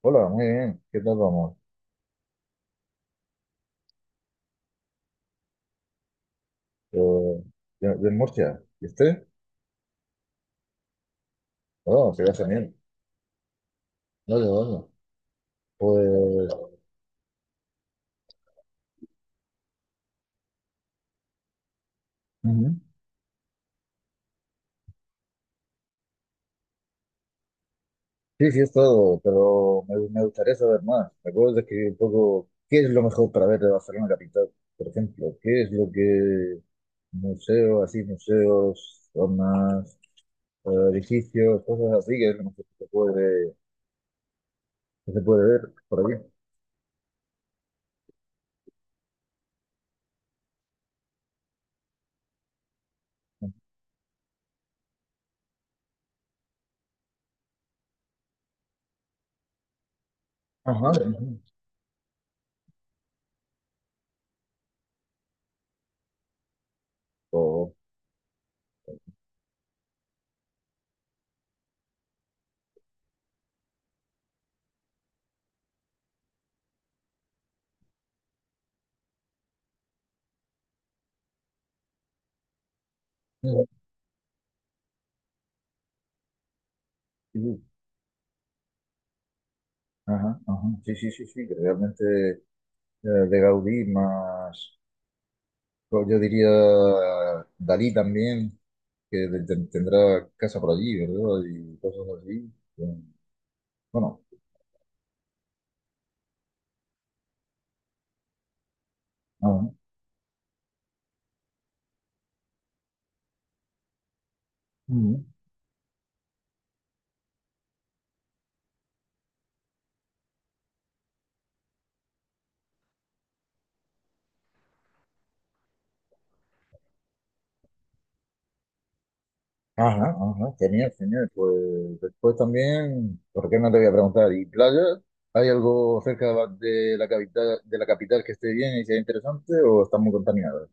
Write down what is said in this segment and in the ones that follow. Hola, muy bien. ¿Qué tal vamos? Yo, de Murcia. ¿Y usted? Oh, se ve genial. No, de dónde. Pues, ujú. Sí, sí, es todo, pero me gustaría saber más. ¿Me puedes describir un poco qué es lo mejor para ver de Barcelona capital? Por ejemplo, ¿qué es lo que museos, así, museos, zonas, edificios, cosas así, que es lo mejor que se puede ver por aquí? Ajá. ujú. O- ujú, sí, sí. Ajá, ajá. Sí, sí, sí, sí, que realmente de Gaudí, más, pues, yo diría Dalí también, que tendrá casa por allí, ¿verdad? Y cosas así. Eh, Bueno, ajá, mm, ajá, ajá, genial, genial. Pues después también, ¿por qué no te voy a preguntar? ¿Y playa? ¿Hay algo cerca de la capital que esté bien y sea interesante o está muy contaminada?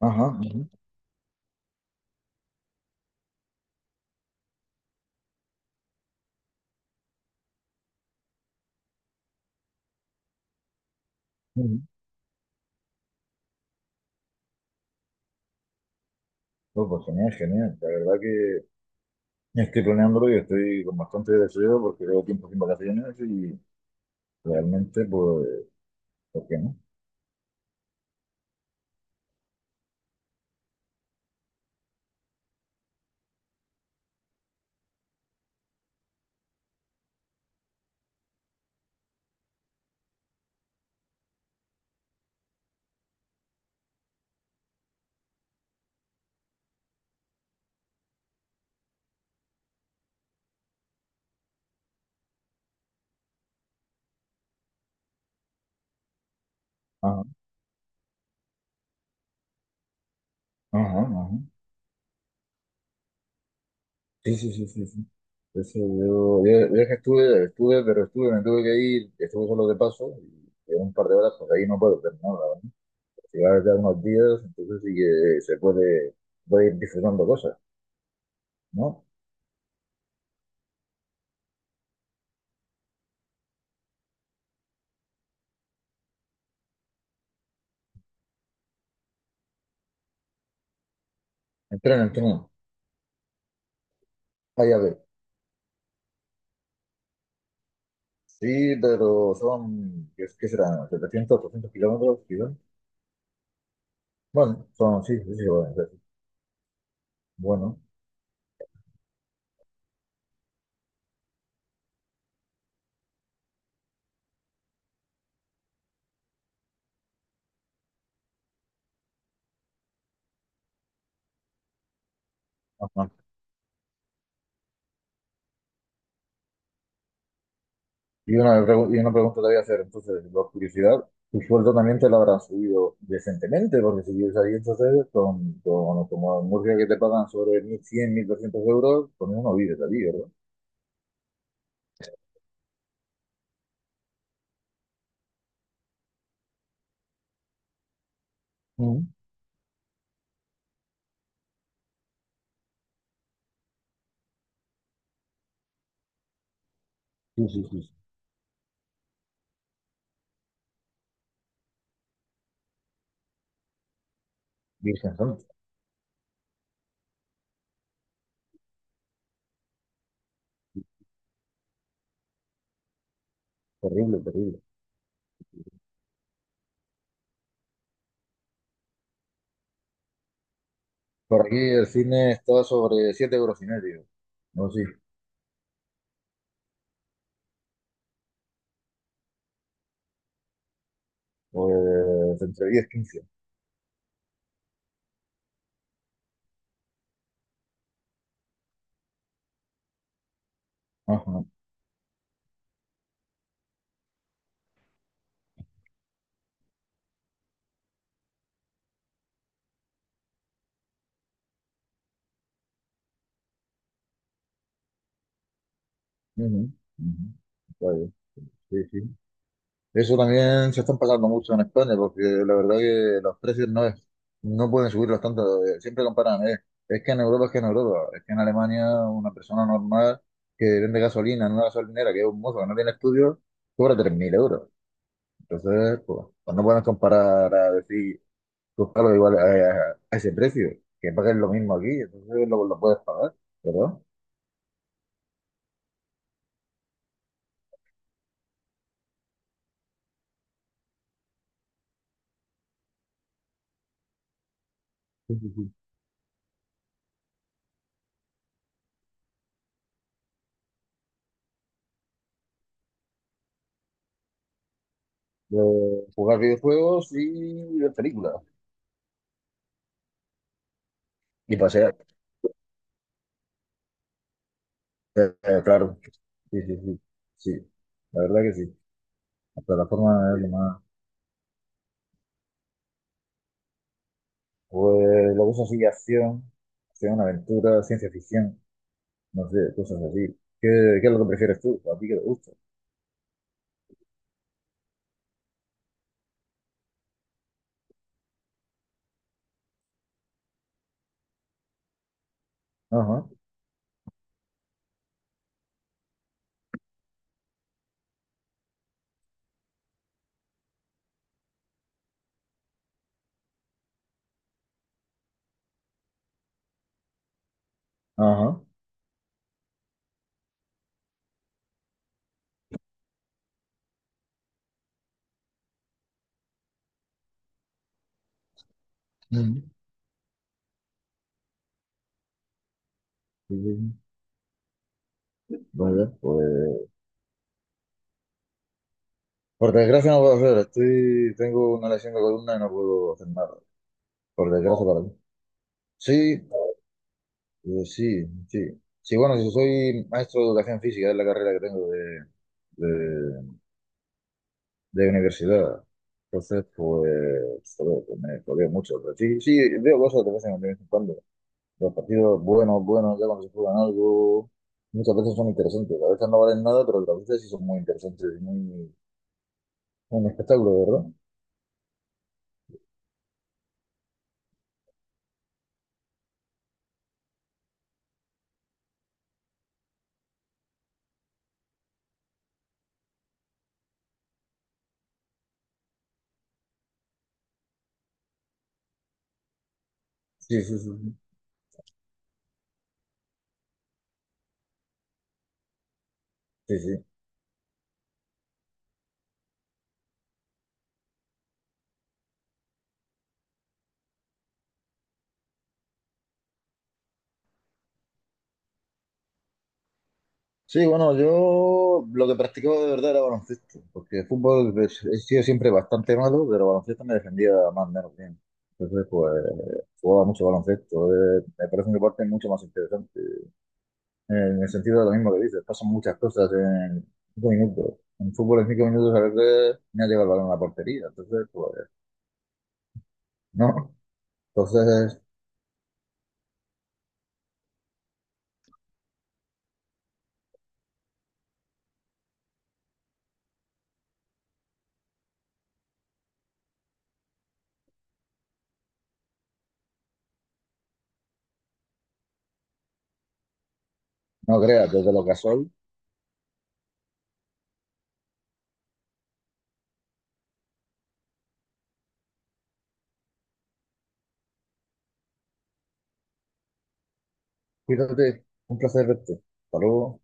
Ajá, ajá, ujú. Oh, pues genial, genial. La verdad que estoy planeándolo y estoy con bastante deseo porque llevo tiempo sin vacaciones y realmente pues Ok, ¿no? Ajá, ajá, ajá. Sí, sí, sí, sí, sí. Eso, yo es que estuve, pero estuve, me tuve que ir, estuve solo de paso, y en un par de horas, pues ahí no puedo terminar, la verdad. Si vas ya unos días, entonces sí que se puede ir disfrutando cosas, ¿no? Entreno, entreno. Vaya a ver. Sí, pero son, ¿qué serán? 700, 800 kilómetros, quizás. Bueno, son, sí, sí, sí, bueno, sí. Sí. Bueno, ajá. Y una pregunta te voy a hacer, entonces, por curiosidad, tu sueldo también te lo habrán subido decentemente, porque si vives ahí entonces, como en Murcia que te pagan sobre 1.100, 1.200 euros, con eso no vives allí, ¿verdad? Mm. Sí, sí, sí. Sí. Virgen Santa, terrible, terrible. Por aquí el cine está sobre 7 euros y medio, no sí, pues entre 10 y 15. Ajá. Ujú, ujú. Está bien, sí, sí. Eso también se están pasando mucho en España, porque la verdad que los precios no pueden subirlos tanto. Siempre comparan, es que en Europa, es que en Alemania una persona normal que vende gasolina en una gasolinera, que es un mozo que no tiene estudios, cobra 3.000 euros. Entonces, pues no pueden comparar a decir, buscarlo igual a ese precio, que paguen lo mismo aquí, entonces lo puedes pagar, ¿verdad? Sí, sí, sí. De jugar videojuegos y ver películas. Y pasear. Claro, sí, sí, sí, sí, la verdad que sí. La plataforma es lo más. Pues lo uso así, acción, aventura, ciencia ficción, no sé, cosas así. ¿Qué, qué es lo que prefieres tú? ¿A ti qué te gusta? Ajá, ajá. Mm. Sí, sí, sí. Muy bien, pues. Por desgracia no puedo hacer, estoy, tengo una lesión de columna y no puedo hacer nada. Por desgracia para mí. Sí, sí, sí. Sí, bueno, si soy maestro de educación física, es la carrera que tengo de, de universidad. Entonces, pues, joder, pues me jodé mucho. Pero sí, sí, veo cosas de vez en cuando. Los partidos buenos, buenos, ya cuando se juegan algo, muchas veces son interesantes. A veces no valen nada, pero otras veces sí son muy interesantes y muy, un espectáculo, ¿verdad? Sí, sí, sí, sí. Sí, sí. Sí, bueno, yo lo que practicaba de verdad era baloncesto, porque fútbol pues, he sido siempre bastante malo, pero baloncesto me defendía más o menos bien. Entonces, pues, jugaba mucho baloncesto. Me parece un deporte mucho más interesante. En el sentido de lo mismo que dices, pasan muchas cosas en 5 minutos. En fútbol en 5 minutos a veces me ha llegado el balón a la portería, entonces, pues, no. Entonces, no creas, desde lo casual, cuídate, un placer verte. Hasta luego.